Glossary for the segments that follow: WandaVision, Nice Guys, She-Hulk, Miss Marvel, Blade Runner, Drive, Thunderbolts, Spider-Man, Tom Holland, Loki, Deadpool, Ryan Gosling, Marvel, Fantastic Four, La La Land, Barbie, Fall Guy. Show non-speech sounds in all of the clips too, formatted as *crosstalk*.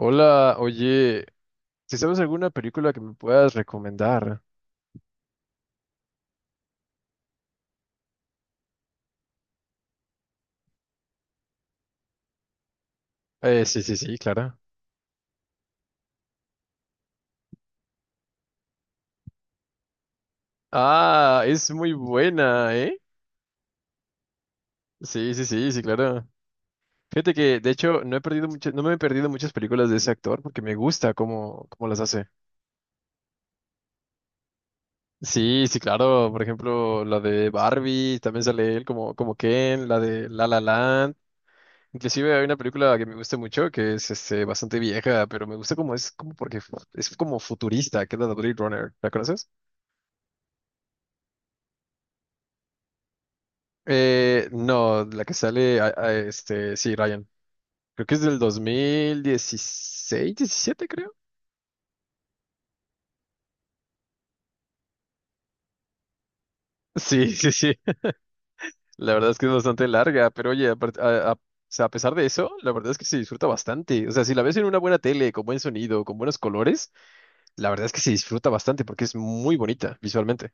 Hola, oye, ¿si sabes alguna película que me puedas recomendar? Sí, sí, sí, claro. Ah, es muy buena, ¿eh? Sí, sí, sí, sí, claro. Fíjate que, de hecho, no me he perdido muchas películas de ese actor porque me gusta cómo las hace. Sí, sí, claro. Por ejemplo, la de Barbie, también sale él como Ken, la de La La Land. Inclusive hay una película que me gusta mucho, que es bastante vieja, pero me gusta como es, como porque es como futurista, que es la de Blade Runner. ¿La conoces? No, la que sale, a sí, Ryan. Creo que es del 2016, 17, creo. *laughs* Sí, sí, sí. *laughs* La verdad es que es bastante larga, pero oye, o sea, a pesar de eso, la verdad es que se disfruta bastante. O sea, si la ves en una buena tele, con buen sonido, con buenos colores, la verdad es que se disfruta bastante porque es muy bonita visualmente.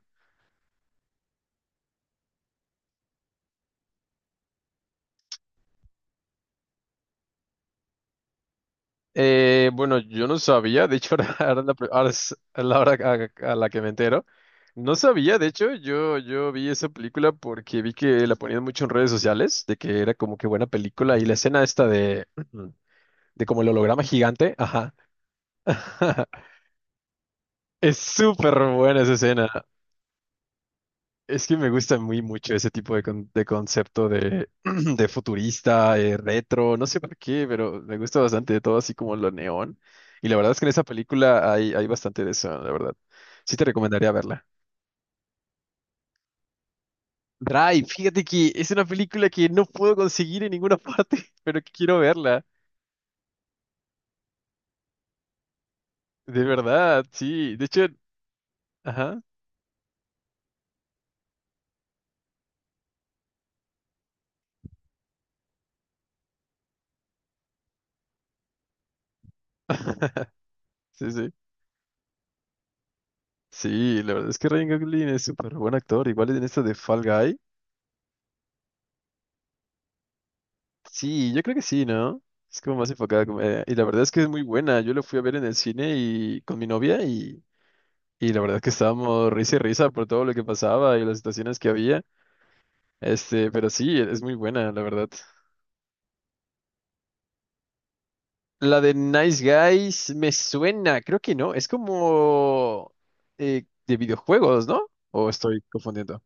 Bueno, yo no sabía, de hecho, *laughs* ahora es la hora a la que me entero. No sabía, de hecho, yo vi esa película porque vi que la ponían mucho en redes sociales, de que era como que buena película y la escena esta de, *clears throat* de como el holograma gigante, ajá. *laughs* Es súper buena esa escena. Es que me gusta muy mucho ese tipo de concepto de, *clears throat* de futurista, retro, no sé por qué, pero me gusta bastante todo así como lo neón. Y la verdad es que en esa película hay bastante de eso, la verdad. Sí te recomendaría verla. Drive, fíjate que es una película que no puedo conseguir en ninguna parte, *laughs* pero que quiero verla. De verdad, sí. De hecho, ajá. *laughs* Sí, sí. Sí, la verdad es que Ryan Gosling es súper buen actor. Igual en esta de Fall Guy. Sí, yo creo que sí, ¿no? Es como más enfocada, como, y la verdad es que es muy buena. Yo lo fui a ver en el cine y con mi novia y la verdad es que estábamos risa y risa por todo lo que pasaba y las situaciones que había. Pero sí, es muy buena, la verdad. La de Nice Guys me suena, creo que no. Es como de videojuegos, ¿no? ¿O estoy confundiendo?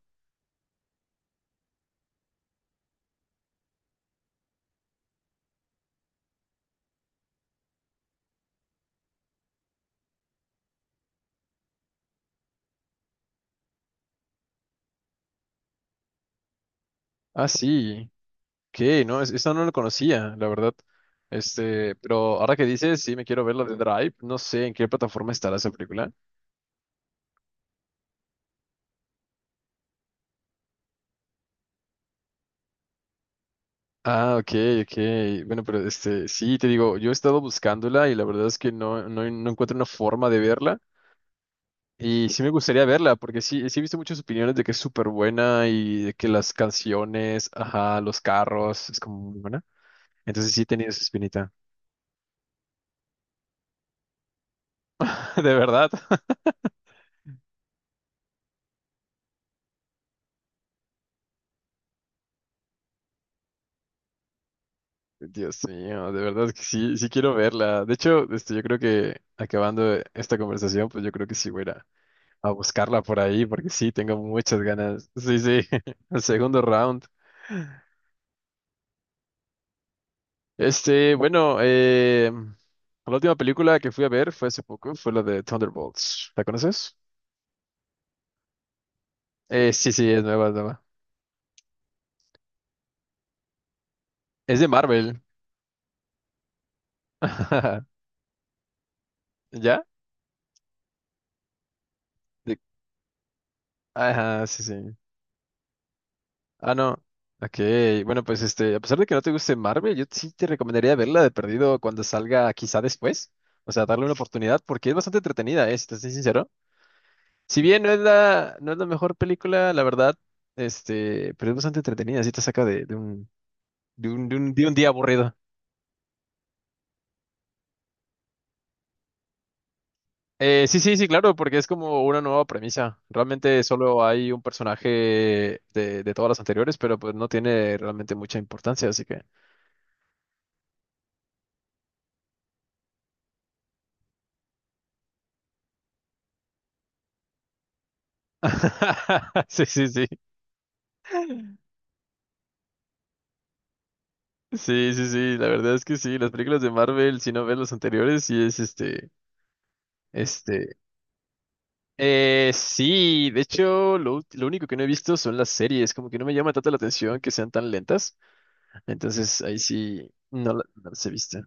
Ah, sí. ¿Qué? No, esa no la conocía, la verdad. Pero ahora que dices, sí, me quiero ver la de Drive. No sé en qué plataforma estará esa película. Ah, ok, ok. Bueno, pero sí, te digo, yo he estado buscándola y la verdad es que no, no, no encuentro una forma de verla. Y sí me gustaría verla, porque sí, sí he visto muchas opiniones de que es súper buena y de que las canciones, ajá, los carros, es como muy buena. Entonces sí he tenido esa espinita. *laughs* De verdad. Dios mío, de verdad que sí, sí quiero verla. De hecho, yo creo que acabando esta conversación, pues yo creo que sí voy a ir a buscarla por ahí, porque sí, tengo muchas ganas. Sí, sí, *laughs* el segundo round. Bueno, la última película que fui a ver fue hace poco, fue la de Thunderbolts. ¿La conoces? Sí, sí, es nueva, es nueva. Es de Marvel. *laughs* ¿Ya? De- Ajá, sí, sí. Ah, no. Ok, bueno, pues a pesar de que no te guste Marvel, yo sí te recomendaría verla de perdido cuando salga quizá después. O sea, darle una oportunidad porque es bastante entretenida, ¿eh? Si te soy sincero. Si bien no es la mejor película, la verdad, pero es bastante entretenida, sí te saca de un día aburrido. Sí, sí, sí, claro, porque es como una nueva premisa. Realmente solo hay un personaje de todas las anteriores, pero pues no tiene realmente mucha importancia, así que... *laughs* Sí, sí, sí. Sí, sí, sí, la verdad es que sí, las películas de Marvel, si no ves las anteriores, sí es Este... sí, de hecho, lo único que no he visto son las series, como que no me llama tanto la atención que sean tan lentas, entonces ahí sí, no, no las he visto.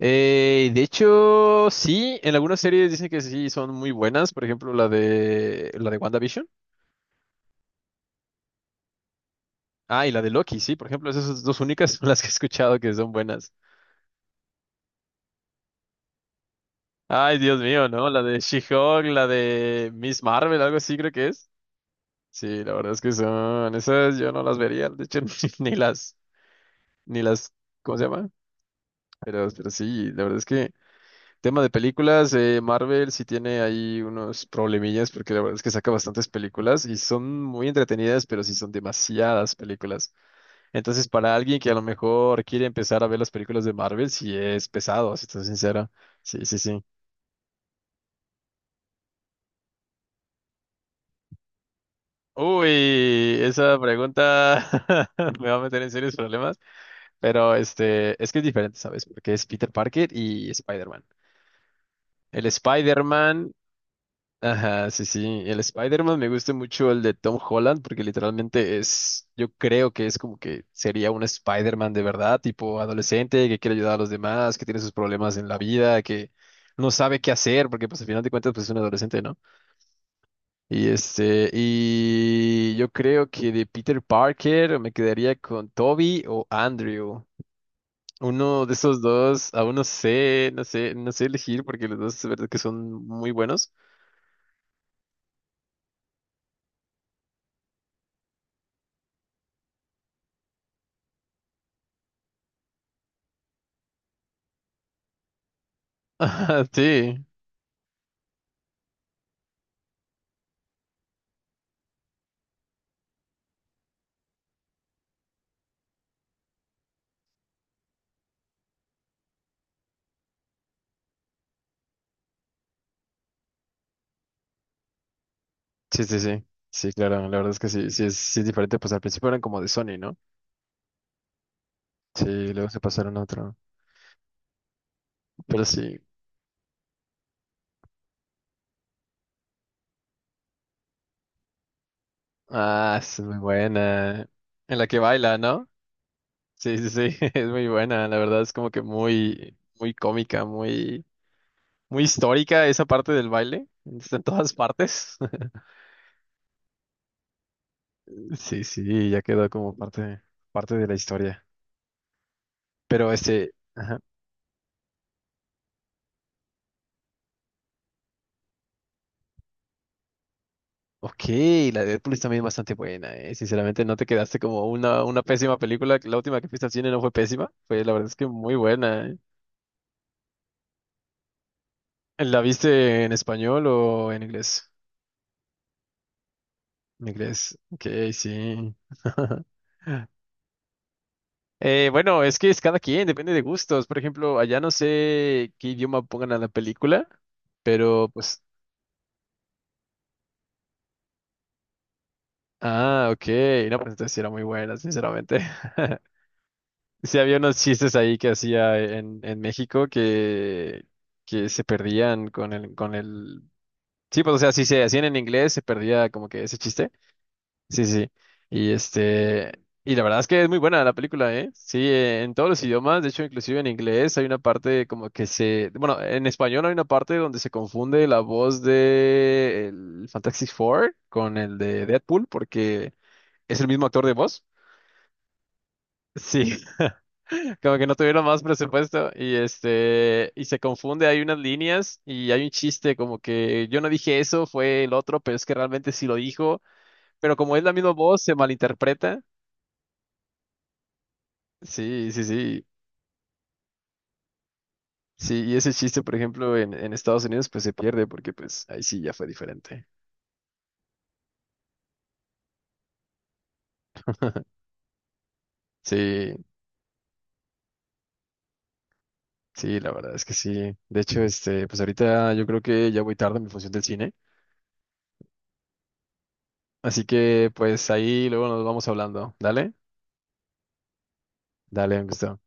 De hecho, sí, en algunas series dicen que sí son muy buenas, por ejemplo, la de WandaVision. Ah, y la de Loki, sí, por ejemplo, esas dos únicas *laughs* son las que he escuchado que son buenas. Ay, Dios mío, ¿no? La de She-Hulk, la de Miss Marvel, algo así creo que es. Sí, la verdad es que son esas yo no las vería, de hecho *laughs* ni, ni las ni las ¿cómo se llama? Pero sí, la verdad es que tema de películas, Marvel sí tiene ahí unos problemillas porque la verdad es que saca bastantes películas y son muy entretenidas, pero sí son demasiadas películas. Entonces, para alguien que a lo mejor quiere empezar a ver las películas de Marvel, sí es pesado, si estoy sincero. Sí, sí, sí. Uy, esa pregunta *laughs* me va a meter en serios problemas, pero es que es diferente, ¿sabes? Porque es Peter Parker y Spider-Man. El Spider-Man Ajá, sí, sí. El Spider-Man me gusta mucho el de Tom Holland porque literalmente es, yo creo que es como que sería un Spider-Man de verdad, tipo adolescente que quiere ayudar a los demás, que tiene sus problemas en la vida, que no sabe qué hacer porque pues al final de cuentas pues es un adolescente, ¿no? Y yo creo que de Peter Parker me quedaría con Toby o Andrew. Uno de esos dos, aún no sé, no sé, no sé elegir porque los dos es verdad que son muy buenos. *laughs* Ajá, sí. Sí, sí, sí. Sí, claro, la verdad es que sí, sí es, diferente, pues al principio eran como de Sony, ¿no? Sí, luego se pasaron a otro. Pero sí. Ah, esa es muy buena. En la que baila, ¿no? Sí, sí, sí, *laughs* es muy buena, la verdad es como que muy, muy cómica, muy, muy histórica esa parte del baile. Está en todas partes. *laughs* Sí, sí, ya quedó como parte, parte de la historia. Pero ajá. Ok, la de Deadpool es también bastante buena, eh. Sinceramente, no te quedaste como una pésima película. La última que fuiste al cine no fue pésima. Fue, la verdad es que muy buena, eh. ¿La viste en español o en inglés? En inglés. Ok, sí. *laughs* Bueno, es que es cada quien, depende de gustos. Por ejemplo, allá no sé qué idioma pongan a la película, pero pues. Ah, ok. No, pues entonces sí era muy buena, sinceramente. *laughs* Sí, había unos chistes ahí que hacía en México que se perdían con el... Sí, pues o sea, si se hacían en inglés, se perdía como que ese chiste. Sí, sí. Y este... Y la verdad es que es muy buena la película, ¿eh? Sí, en todos los idiomas, de hecho, inclusive en inglés hay una parte como que se... Bueno, en español hay una parte donde se confunde la voz de el Fantastic Four con el de Deadpool porque es el mismo actor de voz. Sí. *laughs* Como que no tuvieron más presupuesto y se confunde, hay unas líneas y hay un chiste como que yo no dije eso, fue el otro, pero es que realmente sí lo dijo, pero como es la misma voz se malinterpreta. Sí, sí, sí. Sí, y ese chiste, por ejemplo, en Estados Unidos pues se pierde porque pues ahí sí ya fue diferente. *laughs* Sí, sí, la verdad es que sí. De hecho, pues ahorita yo creo que ya voy tarde en mi función del cine, así que pues ahí luego nos vamos hablando. Dale, dale, me